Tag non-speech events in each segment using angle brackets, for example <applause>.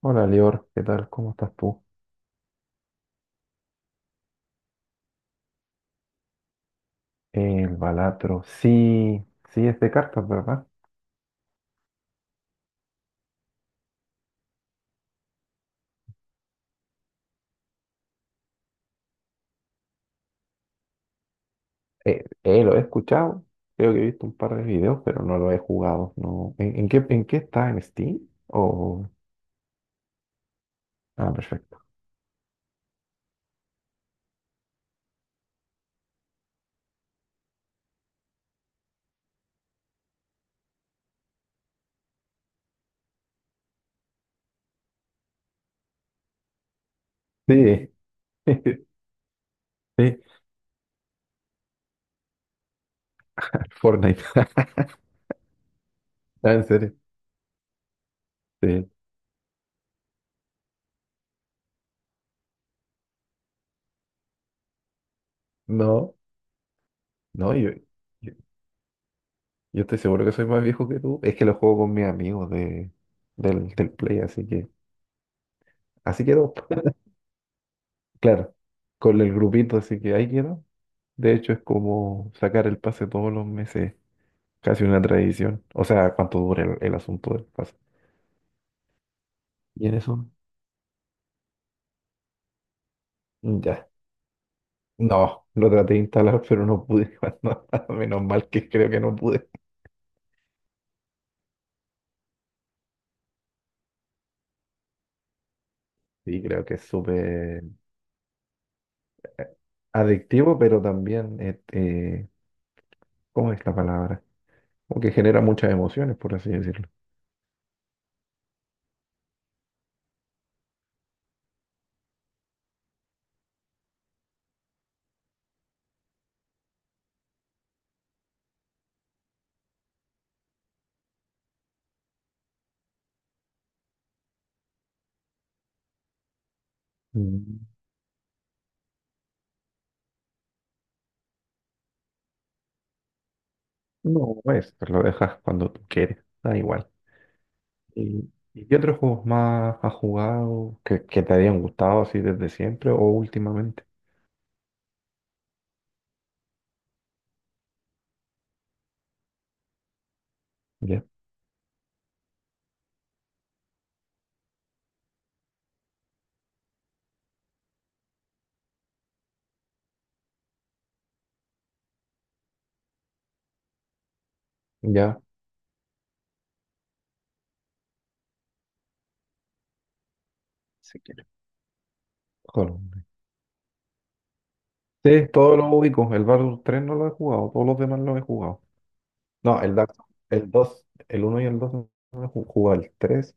Hola, Lior, ¿qué tal? ¿Cómo estás tú? El Balatro, sí, sí es de cartas, ¿verdad? Lo he escuchado, creo que he visto un par de videos, pero no lo he jugado, no. ¿En qué está? ¿En Steam? O... Ah, perfecto. Sí, <laughs> sí, Fortnite, <laughs> Ah, en serio, sí. No, no, yo, yo estoy seguro que soy más viejo que tú, es que lo juego con mis amigos del Play, así que, así quedó, claro, con el grupito, así que ahí quedó. De hecho, es como sacar el pase todos los meses, casi una tradición. O sea, cuánto dura el asunto del pase. Y en eso, ya. No, lo traté de instalar, <laughs> pero no pude. <laughs> No, menos mal que creo que no pude. Sí, creo que es súper adictivo, pero también, ¿cómo es la palabra? Como que genera muchas emociones, por así decirlo. Mm, No, es, lo dejas cuando tú quieres, da igual. ¿Y qué otros juegos más has jugado que te hayan gustado así desde siempre o últimamente? Ya, ya, si quieres. Joder. Sí, todos los ubico. El Battle 3 no lo he jugado, todos los demás los he jugado. No, el Dark Souls, el 2, el 1 y el 2 no lo he jugado, el tres.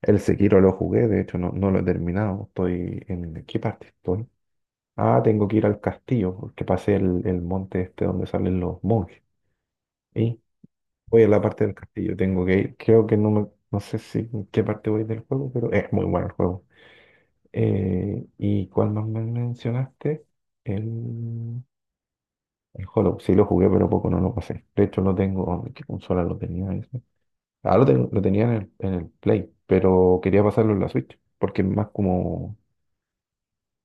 El Sekiro lo jugué, de hecho no, no lo he terminado. ¿Qué parte estoy? Ah, tengo que ir al castillo, porque pasé el monte este donde salen los monjes. Voy a la parte del castillo, tengo que ir. Creo que no sé si en qué parte voy del juego, pero es muy bueno el juego. ¿Y cuál más me mencionaste? El, el Hollow. Sí, lo jugué, pero poco no lo pasé. De hecho, no tengo. ¿En ¿Qué consola lo tenía ese? Ah, lo tenía en el Play, pero quería pasarlo en la Switch, porque es más como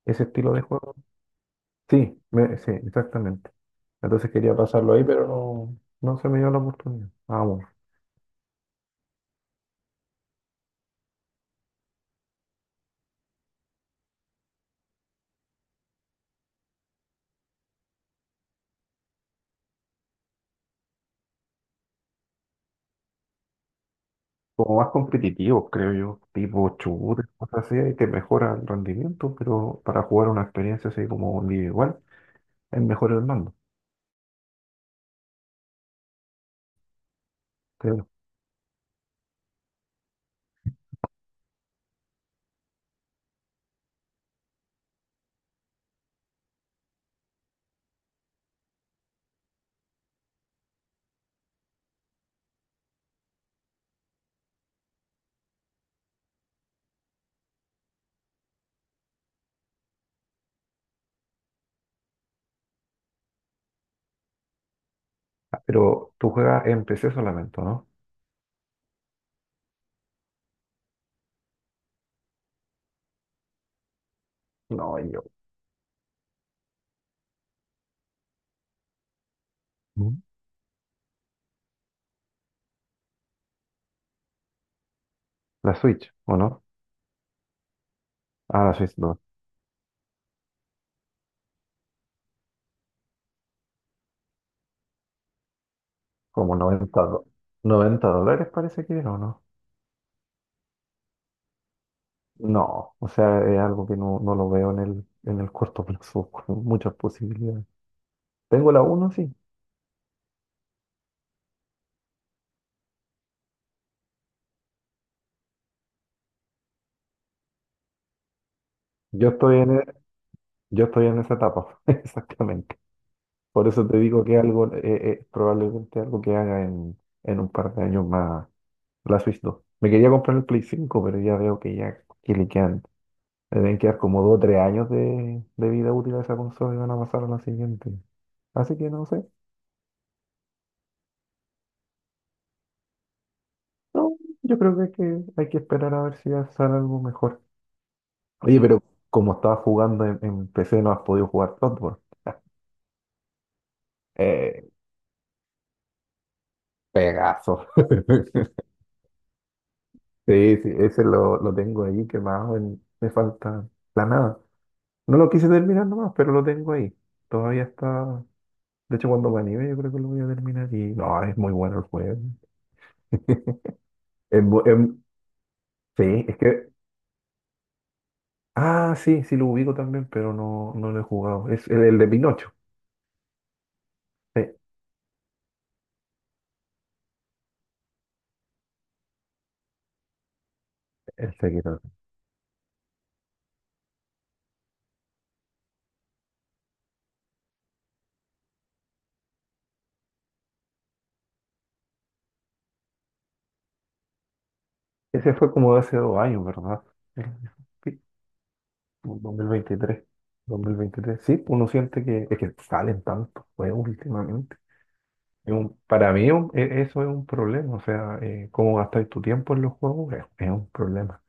ese estilo de juego. Sí, sí, exactamente. Entonces quería pasarlo ahí, pero no, no se me dio la oportunidad. Vamos. Como más competitivos, creo yo, tipo shooters, cosas así, y te mejora el rendimiento, pero para jugar una experiencia así como individual, es mejor el mando, creo. Ah, pero tú juegas en PC solamente, ¿o no? No, yo. ¿Mm? La Switch, ¿o no? Ah, la Switch no. Como noventa do- $90 parece que era, ¿o no? No, o sea, es algo que no, no lo veo en el corto <laughs> plazo, con muchas posibilidades. Tengo la uno, sí. Yo estoy en, e- yo estoy en esa etapa, <laughs> exactamente. Por eso te digo que algo, probablemente algo que haga en un par de años más la Switch 2. Me quería comprar el Play 5, pero ya veo que ya que le quedan, le deben quedar como 2 o 3 años de vida útil a esa consola y van a pasar a la siguiente. Así que no sé. No, yo creo que hay que esperar a ver si ya sale algo mejor. Oye, pero como estaba jugando en PC, no has podido jugar Bloodborne. <laughs> Eh, Pegaso. <laughs> Sí, sí, ese lo tengo ahí quemado, me falta la nada. No lo quise terminar nomás, pero lo tengo ahí. Todavía está. De hecho, cuando me anime, yo creo que lo voy a terminar. Y no, es muy bueno el juego. <laughs> Es bu- em, sí, es que. Ah, sí, sí lo ubico también, pero no, no lo he jugado. Es el de Pinocho. Sí, el Sekiro. Ese fue como de hace dos años, ¿verdad? El- sí, 2023. 2023. Sí, uno siente que es que salen tantos juegos últimamente. Es un- para mí un- e- Eso es un problema, o sea, cómo gastar tu tiempo en los juegos es un problema.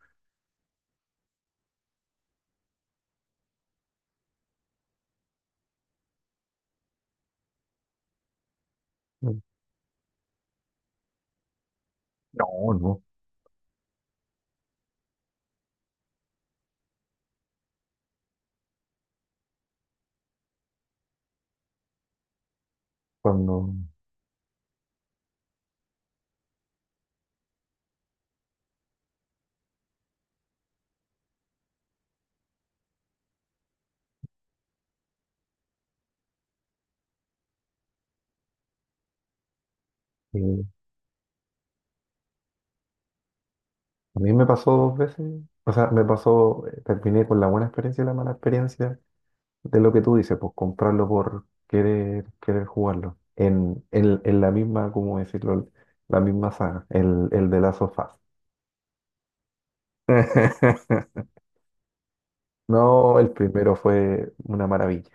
Mm. No, no, cuando eh, a mí me pasó dos veces, o sea, me pasó, terminé con la buena experiencia y la mala experiencia de lo que tú dices, pues comprarlo por querer, jugarlo, en la misma, ¿cómo decirlo? La misma saga, el de Last of Us. <laughs> No, el primero fue una maravilla.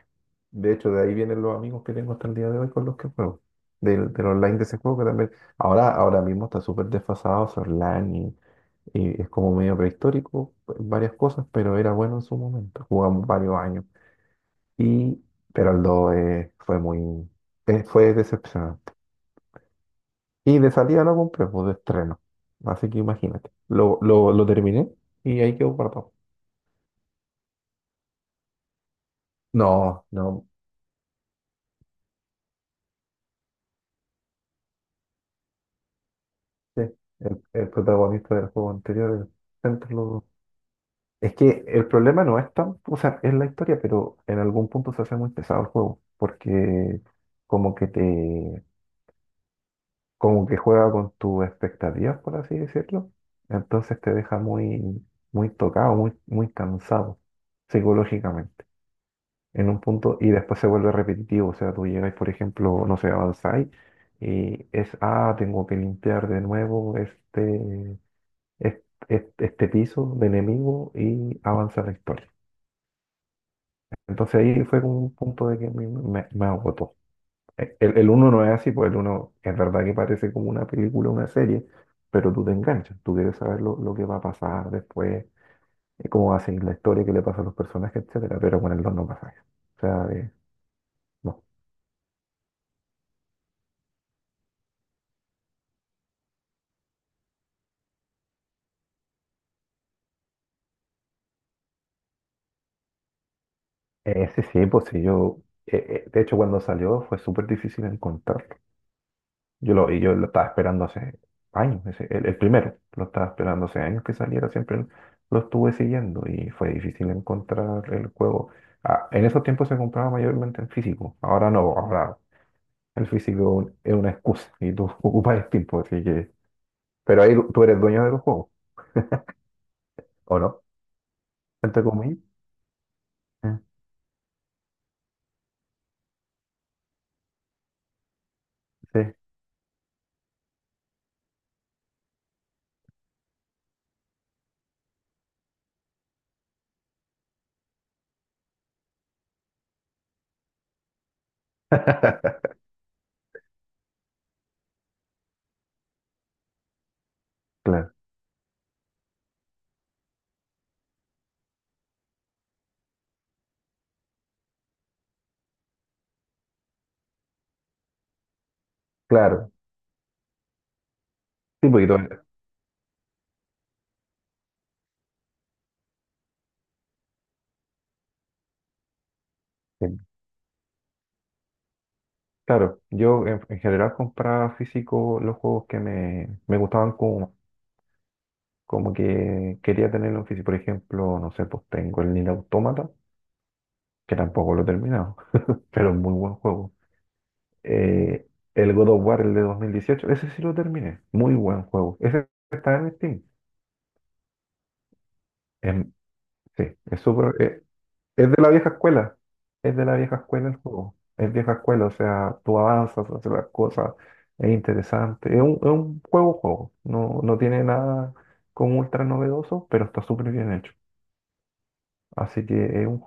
De hecho, de ahí vienen los amigos que tengo hasta el día de hoy con los que juego. Del online de ese juego que también. Ahora mismo está súper desfasado ese online y es como medio prehistórico, en varias cosas, pero era bueno en su momento. Jugamos varios años. Y, pero el 2 fue muy. Fue decepcionante. Y de salida lo compré, pues de estreno. Así que imagínate. Lo terminé y ahí quedó guardado. No, no. Sí, el protagonista del juego anterior, el Centro Es que el problema no es tan, o sea, es la historia, pero en algún punto se hace muy pesado el juego, porque como que te, como que juega con tus expectativas, por así decirlo, entonces te deja muy, muy tocado, muy, muy cansado psicológicamente, en un punto, y después se vuelve repetitivo, o sea, tú llegas, por ejemplo, no sé, avanzáis, y es, tengo que limpiar de nuevo este, este piso de enemigo y avanza la historia. Entonces ahí fue como un punto de que me agotó. El uno no es así, pues el uno es verdad que parece como una película, una serie, pero tú te enganchas, tú quieres saber lo que va a pasar después, cómo va a seguir la historia, qué le pasa a los personajes, etcétera, pero con el dos no pasa eso. O sea, no. Ese sí, pues sí, yo, eh, de hecho cuando salió fue súper difícil encontrarlo. Y yo lo estaba esperando hace años, el primero, lo estaba esperando hace años que saliera, siempre lo estuve siguiendo y fue difícil encontrar el juego. Ah, en esos tiempos se compraba mayormente en físico, ahora no, ahora el físico es una excusa y tú <laughs> ocupas el tiempo, así que... Pero ahí tú eres dueño de los juegos, ¿o no? Entre comillas. Ah, sí. <laughs> Claro, claro. Sí, porque sí, claro, yo en general compraba físico los juegos que me gustaban como que quería tenerlo en físico. Por ejemplo, no sé, pues tengo el Nier Automata, que tampoco lo he terminado, <laughs> pero es muy buen juego. Eh, el God of War, el de 2018, ese sí lo terminé, muy buen juego. Ese está en Steam. Em, sí, es súper- eh, es de la vieja escuela, es de la vieja escuela el juego. Es vieja escuela, o sea, tú avanzas, haces las cosas, es interesante. Es un juego, juego. No, no tiene nada como ultra novedoso, pero está súper bien hecho. Así que es un.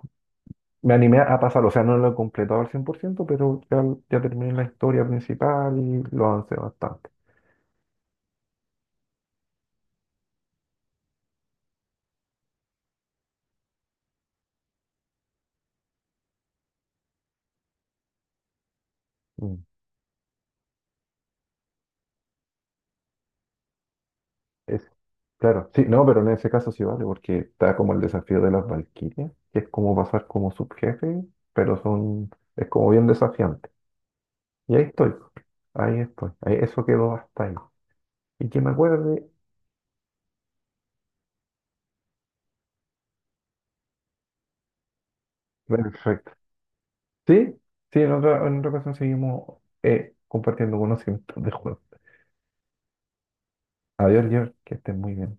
Me animé a pasar, o sea, no lo he completado al 100%, pero ya, ya terminé la historia principal y lo avancé bastante. Mm. Es, claro, sí, no, pero en ese caso sí vale, porque está como el desafío de las Valquirias, que es como pasar como subjefe, pero es como bien desafiante. Y ahí estoy, ahí estoy, ahí, eso quedó hasta ahí. Y que me acuerde, perfecto. Sí, sí, en otra ocasión seguimos compartiendo conocimientos de juego. Adiós, George, que estén muy bien.